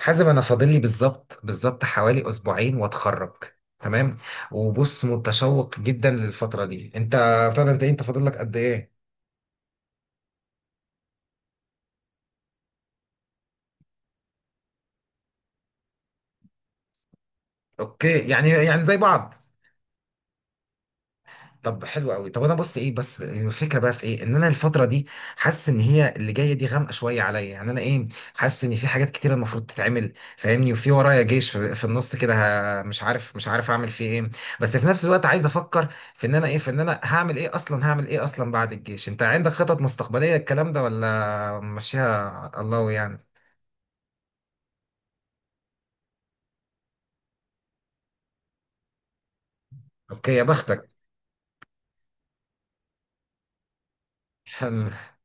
حازم، انا فاضل لي بالظبط حوالي اسبوعين واتخرج. تمام. وبص متشوق جدا للفتره دي. انت ابتدى انت إيه؟ انت فاضل لك قد ايه؟ اوكي، يعني زي بعض. طب حلو قوي. طب انا بص ايه بس الفكره بقى في ايه ان انا الفتره دي حاسس ان هي اللي جايه دي غامقه شويه عليا. يعني انا ايه حاسس ان في حاجات كتير المفروض تتعمل فاهمني. وفي ورايا جيش في النص كده. مش عارف اعمل فيه ايه. بس في نفس الوقت عايز افكر في ان انا ايه في ان انا هعمل ايه اصلا. هعمل ايه اصلا بعد الجيش؟ انت عندك خطط مستقبليه الكلام ده ولا ماشيها على الله يعني؟ اوكي يا بختك.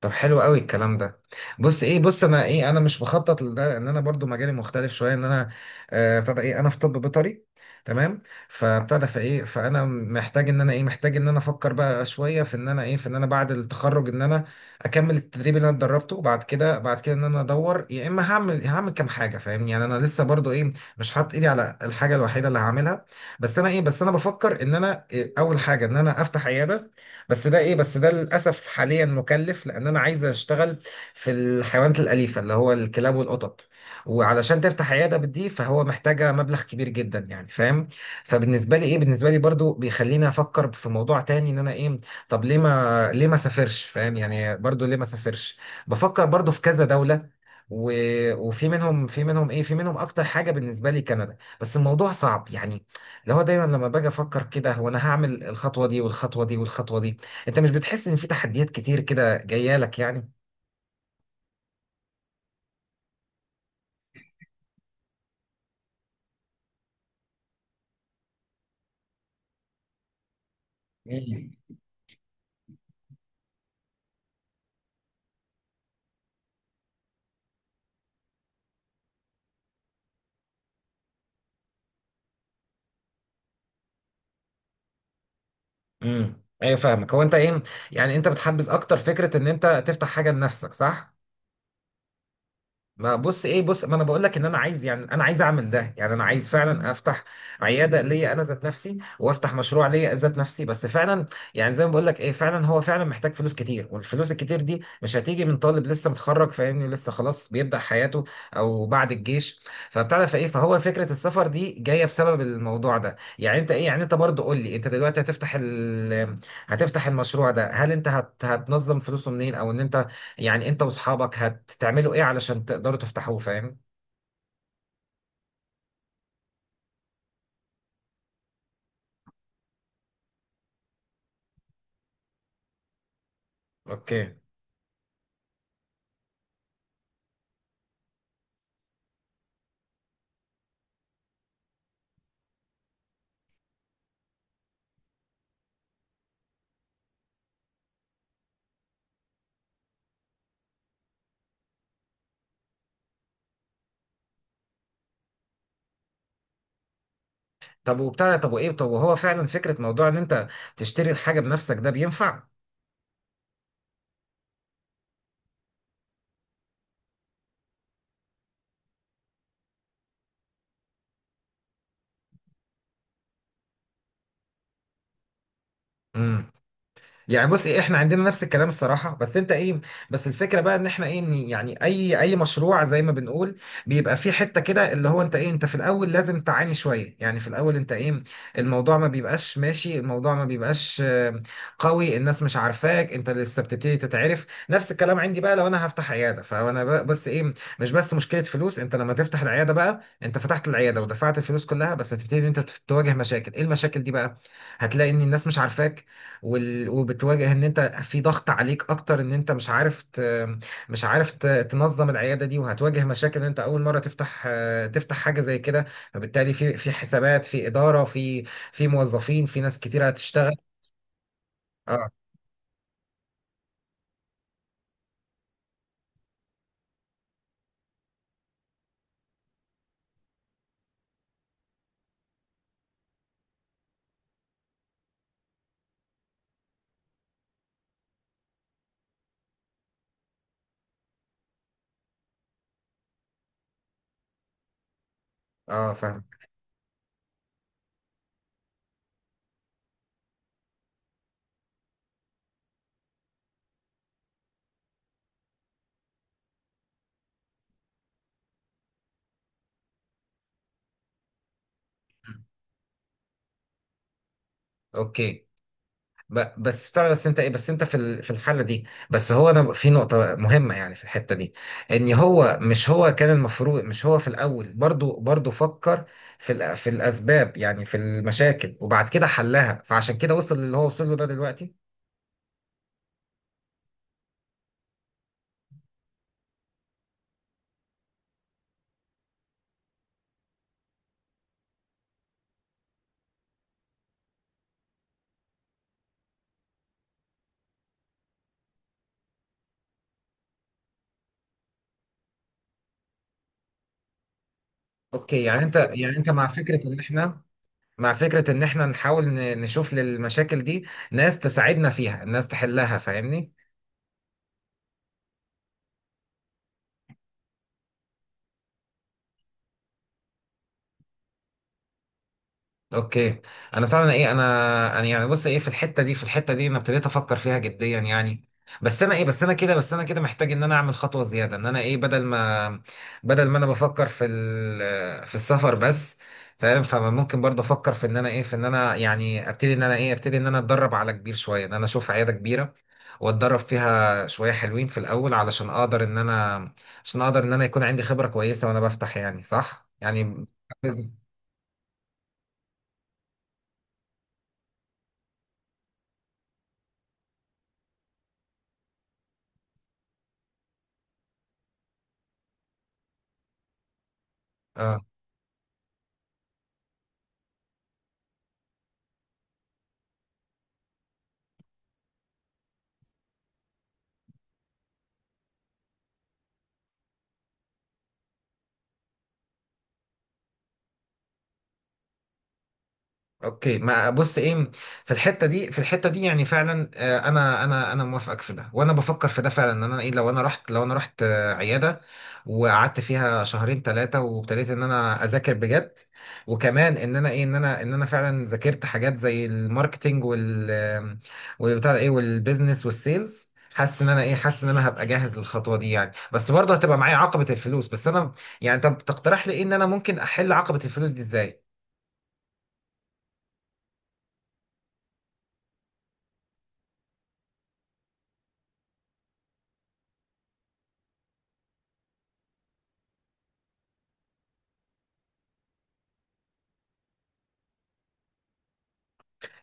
طب حلو قوي الكلام ده. بص ايه بص انا ايه انا مش بخطط لده ان انا برضو مجالي مختلف شويه. ان انا ابتدى ايه انا في طب بيطري. تمام. فابتدى فايه فانا محتاج ان انا ايه محتاج ان انا افكر بقى شويه في ان انا ايه في ان انا بعد التخرج ان انا اكمل التدريب اللي انا اتدربته. وبعد كده بعد كده ان انا ادور يا اما هعمل كام حاجه فاهمني. يعني انا لسه برضو ايه مش حاطط ايدي على الحاجه الوحيده اللي هعملها. بس انا ايه بس انا بفكر ان انا إيه اول حاجه ان انا افتح عياده. بس ده ايه بس ده للاسف حاليا مكلف لان انا عايز اشتغل في الحيوانات الاليفه اللي هو الكلاب والقطط. وعلشان تفتح عياده بدي فهو محتاجه مبلغ كبير جدا يعني فاهم. فبالنسبه لي ايه بالنسبه لي برضو بيخليني افكر في موضوع تاني ان انا ايه. طب ليه ما ليه ما سافرش فاهم؟ يعني برضو ليه ما سافرش؟ بفكر برضو في كذا دوله. و... وفي منهم في منهم ايه في منهم اكتر حاجه بالنسبه لي كندا. بس الموضوع صعب يعني. اللي هو دايما لما باجي افكر كده هو انا هعمل الخطوه دي والخطوه دي والخطوه دي. انت مش بتحس ان في تحديات كتير كده جايه لك يعني؟ امم ايوه فاهمك. هو انت ايه يعني انت بتحبذ اكتر فكره ان انت تفتح حاجه لنفسك صح؟ ما بص ايه بص ما انا بقول لك ان انا عايز يعني انا عايز اعمل ده. يعني انا عايز فعلا افتح عياده ليا انا ذات نفسي وافتح مشروع ليا ذات نفسي. بس فعلا يعني زي ما بقول لك ايه فعلا هو فعلا محتاج فلوس كتير. والفلوس الكتير دي مش هتيجي من طالب لسه متخرج فاهمني. لسه خلاص بيبدأ حياته او بعد الجيش. فبتعرف ايه فهو فكره السفر دي جايه بسبب الموضوع ده. يعني انت ايه يعني انت برضه قول لي انت دلوقتي هتفتح ال... هتفتح المشروع ده. هل انت هت... هتنظم فلوسه منين؟ او ان انت يعني انت واصحابك هتعملوا ايه علشان تقدروا تفتحوه فاهم؟ اوكي. طب وبتاع طب وايه طب وهو فعلا فكرة موضوع ان انت تشتري الحاجة بنفسك ده بينفع؟ يعني بص ايه احنا عندنا نفس الكلام الصراحه. بس انت ايه بس الفكره بقى ان احنا ايه إن يعني اي مشروع زي ما بنقول بيبقى فيه حته كده اللي هو انت ايه انت في الاول لازم تعاني شويه. يعني في الاول انت ايه الموضوع ما بيبقاش ماشي. الموضوع ما بيبقاش قوي. الناس مش عارفاك انت لسه بتبتدي تتعرف. نفس الكلام عندي بقى لو انا هفتح عياده فانا بقى بس ايه مش بس مشكله فلوس. انت لما تفتح العياده بقى انت فتحت العياده ودفعت الفلوس كلها بس هتبتدي ان انت تواجه مشاكل. ايه المشاكل دي بقى؟ هتلاقي ان الناس مش عارفاك. وال... وبتواجه ان انت في ضغط عليك اكتر ان انت مش عارف ت... تنظم العياده دي. وهتواجه مشاكل ان انت اول مره تفتح تفتح حاجه زي كده. فبالتالي في حسابات في اداره في موظفين في ناس كتير هتشتغل. اه، اه، فاهم. اوكي. بس بتاع بس انت ايه بس انت في في الحاله دي بس هو انا في نقطه مهمه يعني في الحته دي. ان هو مش هو كان المفروض مش هو في الاول برضو فكر في في الاسباب يعني في المشاكل وبعد كده حلها فعشان كده وصل اللي هو وصل له ده دلوقتي. اوكي يعني انت يعني انت مع فكره ان احنا مع فكره ان احنا نحاول نشوف للمشاكل دي ناس تساعدنا فيها ناس تحلها فاهمني. اوكي. انا فعلا ايه انا يعني بص ايه في الحته دي في الحته دي انا ابتديت افكر فيها جديا يعني. بس انا ايه بس انا كده بس انا كده محتاج ان انا اعمل خطوه زياده ان انا ايه بدل ما انا بفكر في في السفر بس فاهم. فممكن برضه افكر في ان انا ايه في ان انا يعني ابتدي ان انا ايه ابتدي ان انا اتدرب على كبير شويه ان انا اشوف عياده كبيره واتدرب فيها شويه حلوين في الاول علشان اقدر ان انا عشان اقدر ان انا يكون عندي خبره كويسه وانا بفتح يعني صح يعني. اه، اوكي. ما بص ايه في الحته دي في الحته دي يعني فعلا انا موافقك في ده وانا بفكر في ده فعلا ان انا ايه لو انا رحت لو انا رحت عياده وقعدت فيها شهرين ثلاثه وابتديت ان انا اذاكر بجد. وكمان ان انا ايه ان انا فعلا ذاكرت حاجات زي الماركتينج وال والبتاع ده ايه والبيزنس والسيلز. حاسس ان انا ايه حاسس ان انا هبقى جاهز للخطوه دي يعني. بس برضه هتبقى معايا عقبه الفلوس. بس انا يعني طب تقترح لي ايه ان انا ممكن احل عقبه الفلوس دي ازاي؟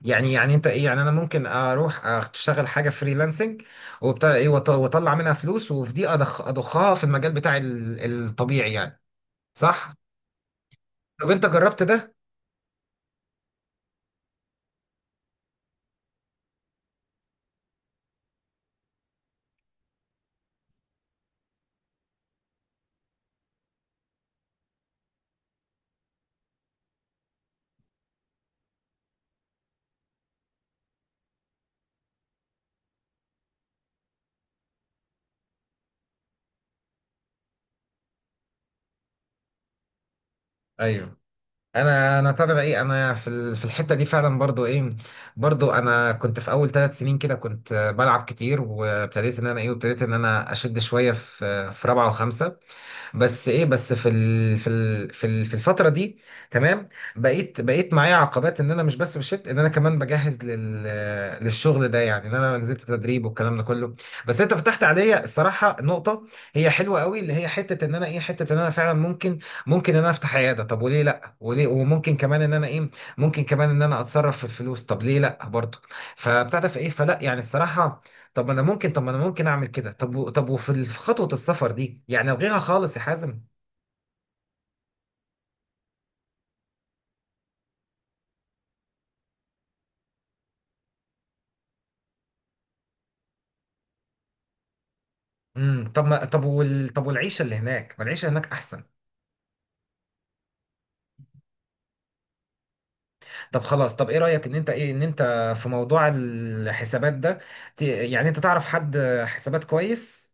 يعني انت ايه يعني انا ممكن اروح اشتغل حاجه فريلانسنج وبتاع ايه واطلع منها فلوس وفي دي أضخ اضخها في المجال بتاعي الطبيعي يعني صح. طب انت جربت ده؟ ايوه. انا انا ترى ايه انا في في الحته دي فعلا برضو ايه. برضو انا كنت في اول 3 سنين كده كنت بلعب كتير وابتديت ان انا ايه وابتديت ان انا اشد شويه في في رابعه وخمسه. بس ايه بس في ال في ال في ال في الفتره دي. تمام. بقيت معايا عقبات ان انا مش بس بشت ان انا كمان بجهز لل للشغل ده يعني ان انا نزلت تدريب والكلام ده كله. بس انت فتحت عليا الصراحه نقطه هي حلوه قوي اللي هي حته ان انا ايه حته ان انا فعلا ممكن ان انا افتح عياده. طب وليه لا وليه وممكن كمان ان انا ايه ممكن كمان ان انا اتصرف في الفلوس. طب ليه لا برضه. فبتاع ده في ايه فلا يعني الصراحه. طب ما انا ممكن طب ما انا ممكن اعمل كده طب طب وفي في خطوه السفر دي يعني الغيها خالص يا حازم. امم. طب ما طب وال طب والعيشه اللي هناك ما العيشه هناك احسن. طب خلاص. طب ايه رايك ان انت ايه ان انت في موضوع الحسابات ده يعني انت تعرف حد حسابات كويس؟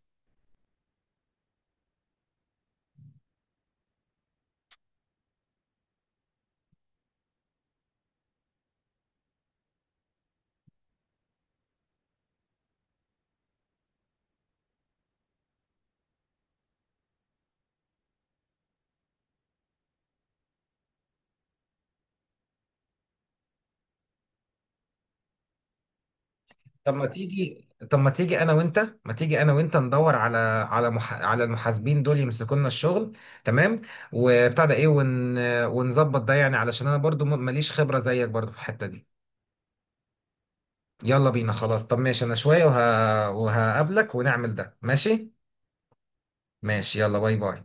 طب ما تيجي طب ما تيجي انا وانت ما تيجي انا وانت ندور على على مح... على المحاسبين دول يمسكوا لنا الشغل. تمام. وبتاع ده ايه ون... ونظبط ده يعني علشان انا برضو ماليش خبره زيك برضو في الحته دي. يلا بينا خلاص طب ماشي. انا شوية وهقابلك ونعمل ده ماشي. ماشي. يلا. باي باي.